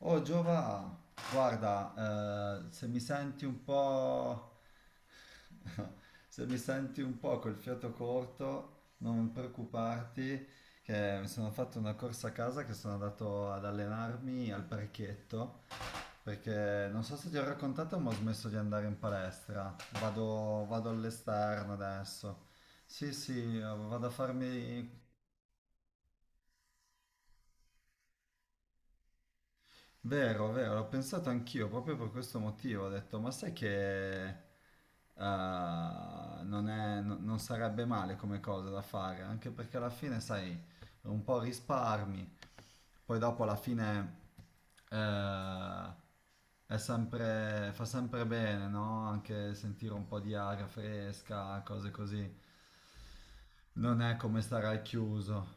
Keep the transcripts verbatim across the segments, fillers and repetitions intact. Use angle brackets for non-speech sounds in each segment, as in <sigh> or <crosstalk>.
Oh Giova, guarda, eh, se mi senti un po', <laughs> se mi senti un po' col fiato corto, non preoccuparti, che mi sono fatto una corsa a casa che sono andato ad allenarmi al parchetto, perché non so se ti ho raccontato, ma ho smesso di andare in palestra, vado, vado all'esterno adesso. Sì, sì, eh, vado a farmi. Vero, vero, l'ho pensato anch'io proprio per questo motivo. Ho detto, ma sai che eh, non è- no- non sarebbe male come cosa da fare, anche perché alla fine, sai, un po' risparmi, poi dopo alla fine eh, è sempre, fa sempre bene, no? Anche sentire un po' di aria fresca, cose così. Non è come stare al chiuso.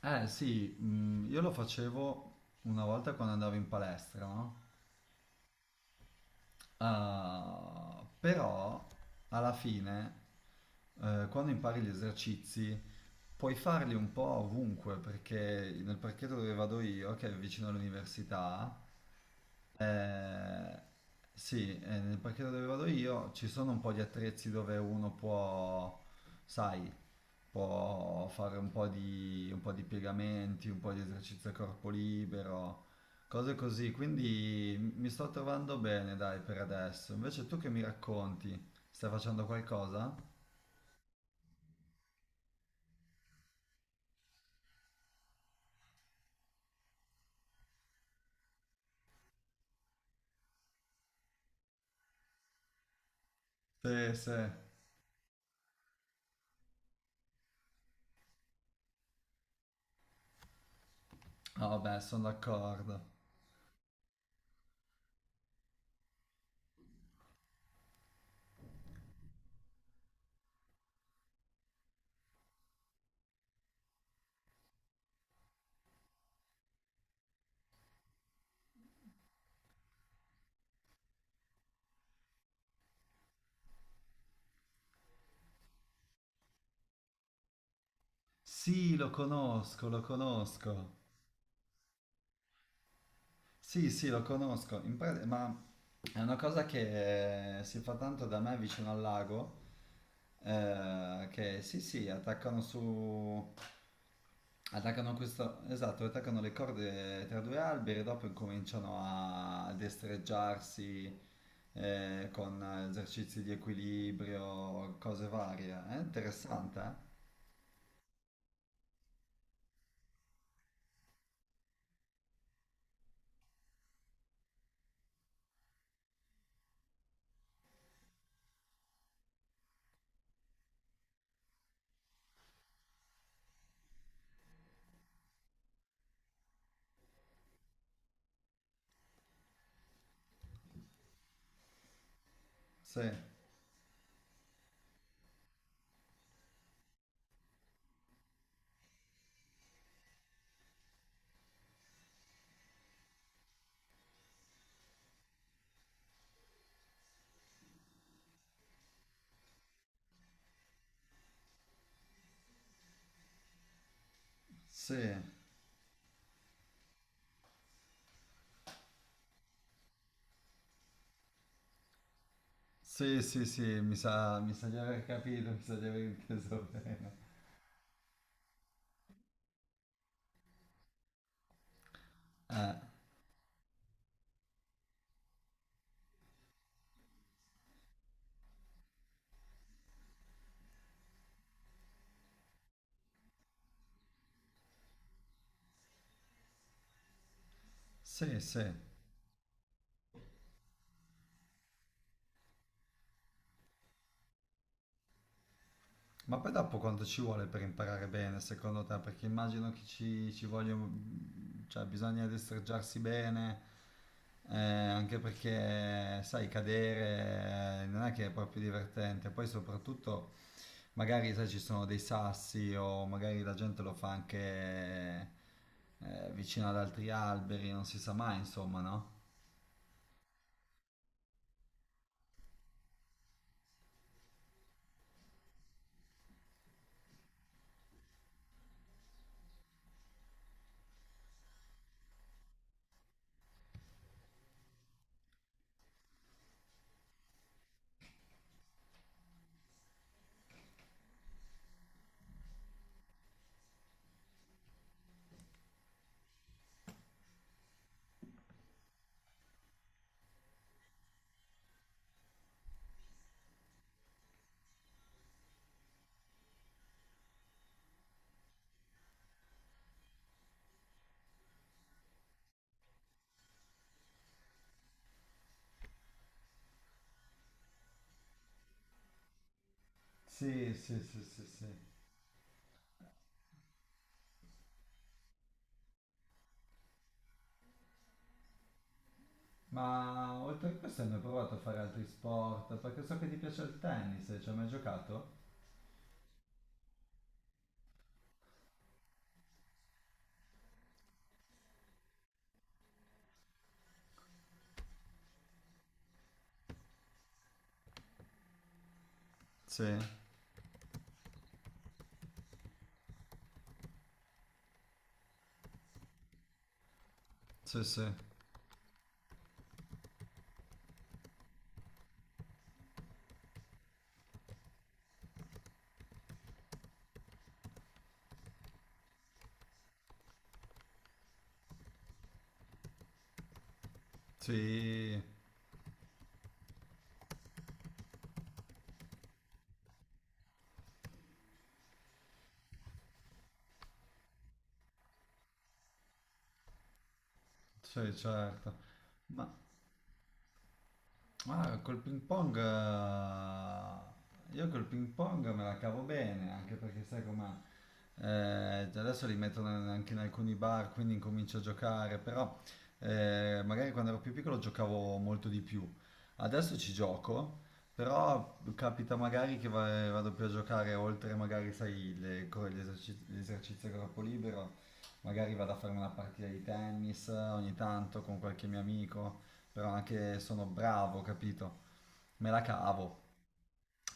Eh sì, mm, io lo facevo una volta quando andavo in palestra, no? Ah, però alla fine, eh, quando impari gli esercizi, puoi farli un po' ovunque, perché nel parchetto dove vado io, che è vicino all'università, eh, sì, eh, nel parchetto dove vado io ci sono un po' di attrezzi dove uno può, sai, può fare un po' di, un po' di piegamenti, un po' di esercizio a corpo libero. Cose così, quindi mi sto trovando bene, dai, per adesso. Invece tu che mi racconti? Stai facendo qualcosa? Sì, sì. Ah, vabbè, sono d'accordo. Sì, lo conosco, lo conosco. Sì, sì, lo conosco. In pra- ma è una cosa che eh, si fa tanto da me vicino al lago, eh, che sì, sì, attaccano su... Attaccano questo, esatto, attaccano le corde tra due alberi e dopo incominciano a destreggiarsi eh, con esercizi di equilibrio, cose varie. È Ah, interessante, eh? Sì, sì, sì, sì, sì, mi sa, mi sa di aver capito, mi sa di aver inteso bene. Eh, sì, sì. Ma poi dopo quanto ci vuole per imparare bene, secondo te? Perché immagino che ci, ci voglia, cioè bisogna destreggiarsi bene, eh, anche perché, sai, cadere eh, non è che è proprio divertente. Poi soprattutto, magari, sai, ci sono dei sassi o magari la gente lo fa anche eh, vicino ad altri alberi, non si sa mai, insomma, no? Sì, sì, sì, sì, sì. Ma oltre a questo hai mai provato a fare altri sport? Perché so che ti piace il tennis, ci hai mai giocato? Sì, sì, sì, sì, sì, certo. Ma ah, col ping pong, eh, io col ping pong me la cavo bene, anche perché sai com'è, eh, adesso li mettono anche in alcuni bar, quindi incomincio a giocare, però eh, magari quando ero più piccolo giocavo molto di più. Adesso ci gioco, però capita magari che va- vado più a giocare oltre magari, sai, le, co- gli eserci- gli esercizi a corpo libero, magari vado a fare una partita di tennis eh, ogni tanto con qualche mio amico però anche sono bravo, capito? Me la cavo,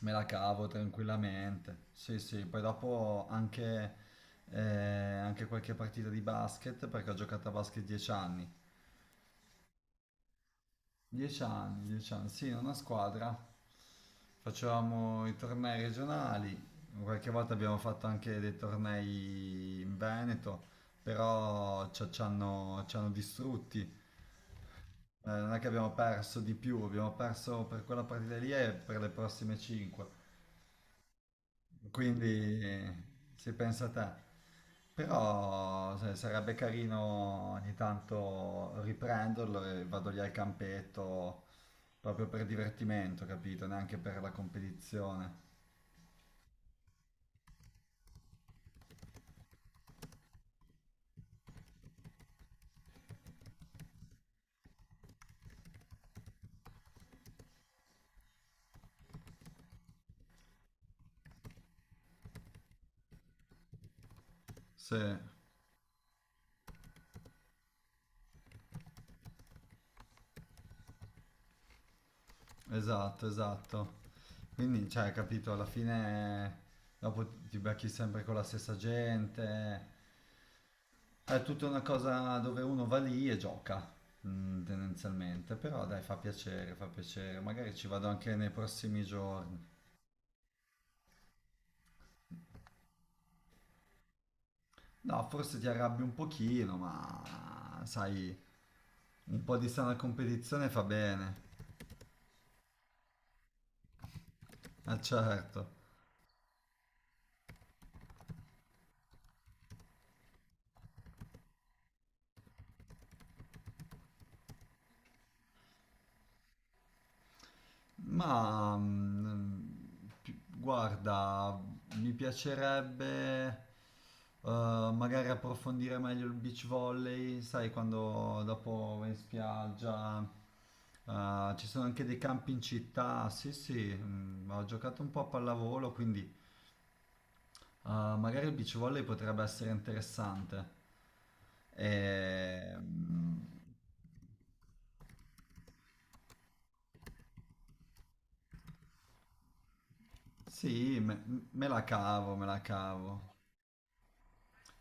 me la cavo tranquillamente. Sì, sì, poi dopo anche, eh, anche qualche partita di basket, perché ho giocato a basket dieci anni. dieci anni, dieci anni, sì, in una squadra. Facevamo i tornei regionali, qualche volta abbiamo fatto anche dei tornei in Veneto, però ci ci hanno, ci hanno distrutti. Eh, non è che abbiamo perso di più, abbiamo perso per quella partita lì e per le prossime cinque. Quindi eh, si pensa a te. Però se- sarebbe carino ogni tanto riprenderlo e vado lì al campetto proprio per divertimento, capito? Neanche per la competizione. Sì. Esatto, esatto. Quindi, cioè, capito, alla fine dopo ti becchi sempre con la stessa gente. È tutta una cosa dove uno va lì e gioca, mm, tendenzialmente. Però dai, fa piacere, fa piacere. Magari ci vado anche nei prossimi giorni. No, forse ti arrabbi un pochino, ma sai, un po' di sana competizione fa bene. Ah, certo. Ma mm, pi- guarda, mi piacerebbe eh, magari approfondire meglio il beach volley, sai, quando dopo vai in spiaggia, eh, ci sono anche dei campi in città. Sì, sì, mm, ho giocato un po' a pallavolo, quindi eh, magari il beach volley potrebbe essere interessante. E, mm, sì, me me la cavo, me la cavo.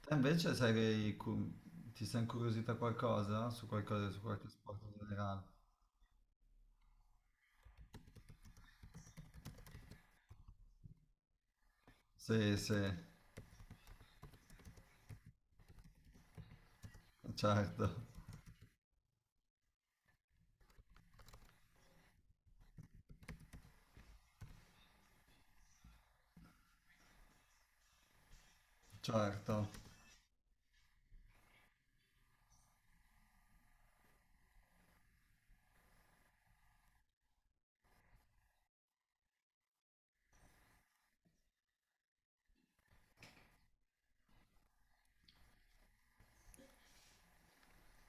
Te invece sai che cu- ti sei incuriosita qualcosa su qualcosa, su qualche sport in generale? Sì, sì, certo, certo,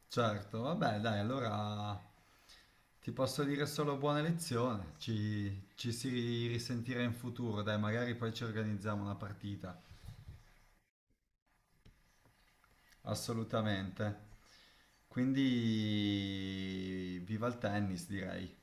certo. Vabbè, dai, allora ti posso dire solo buona lezione. Ci, ci si risentirà in futuro, dai, magari poi ci organizziamo una partita. Assolutamente. Quindi viva il tennis, direi.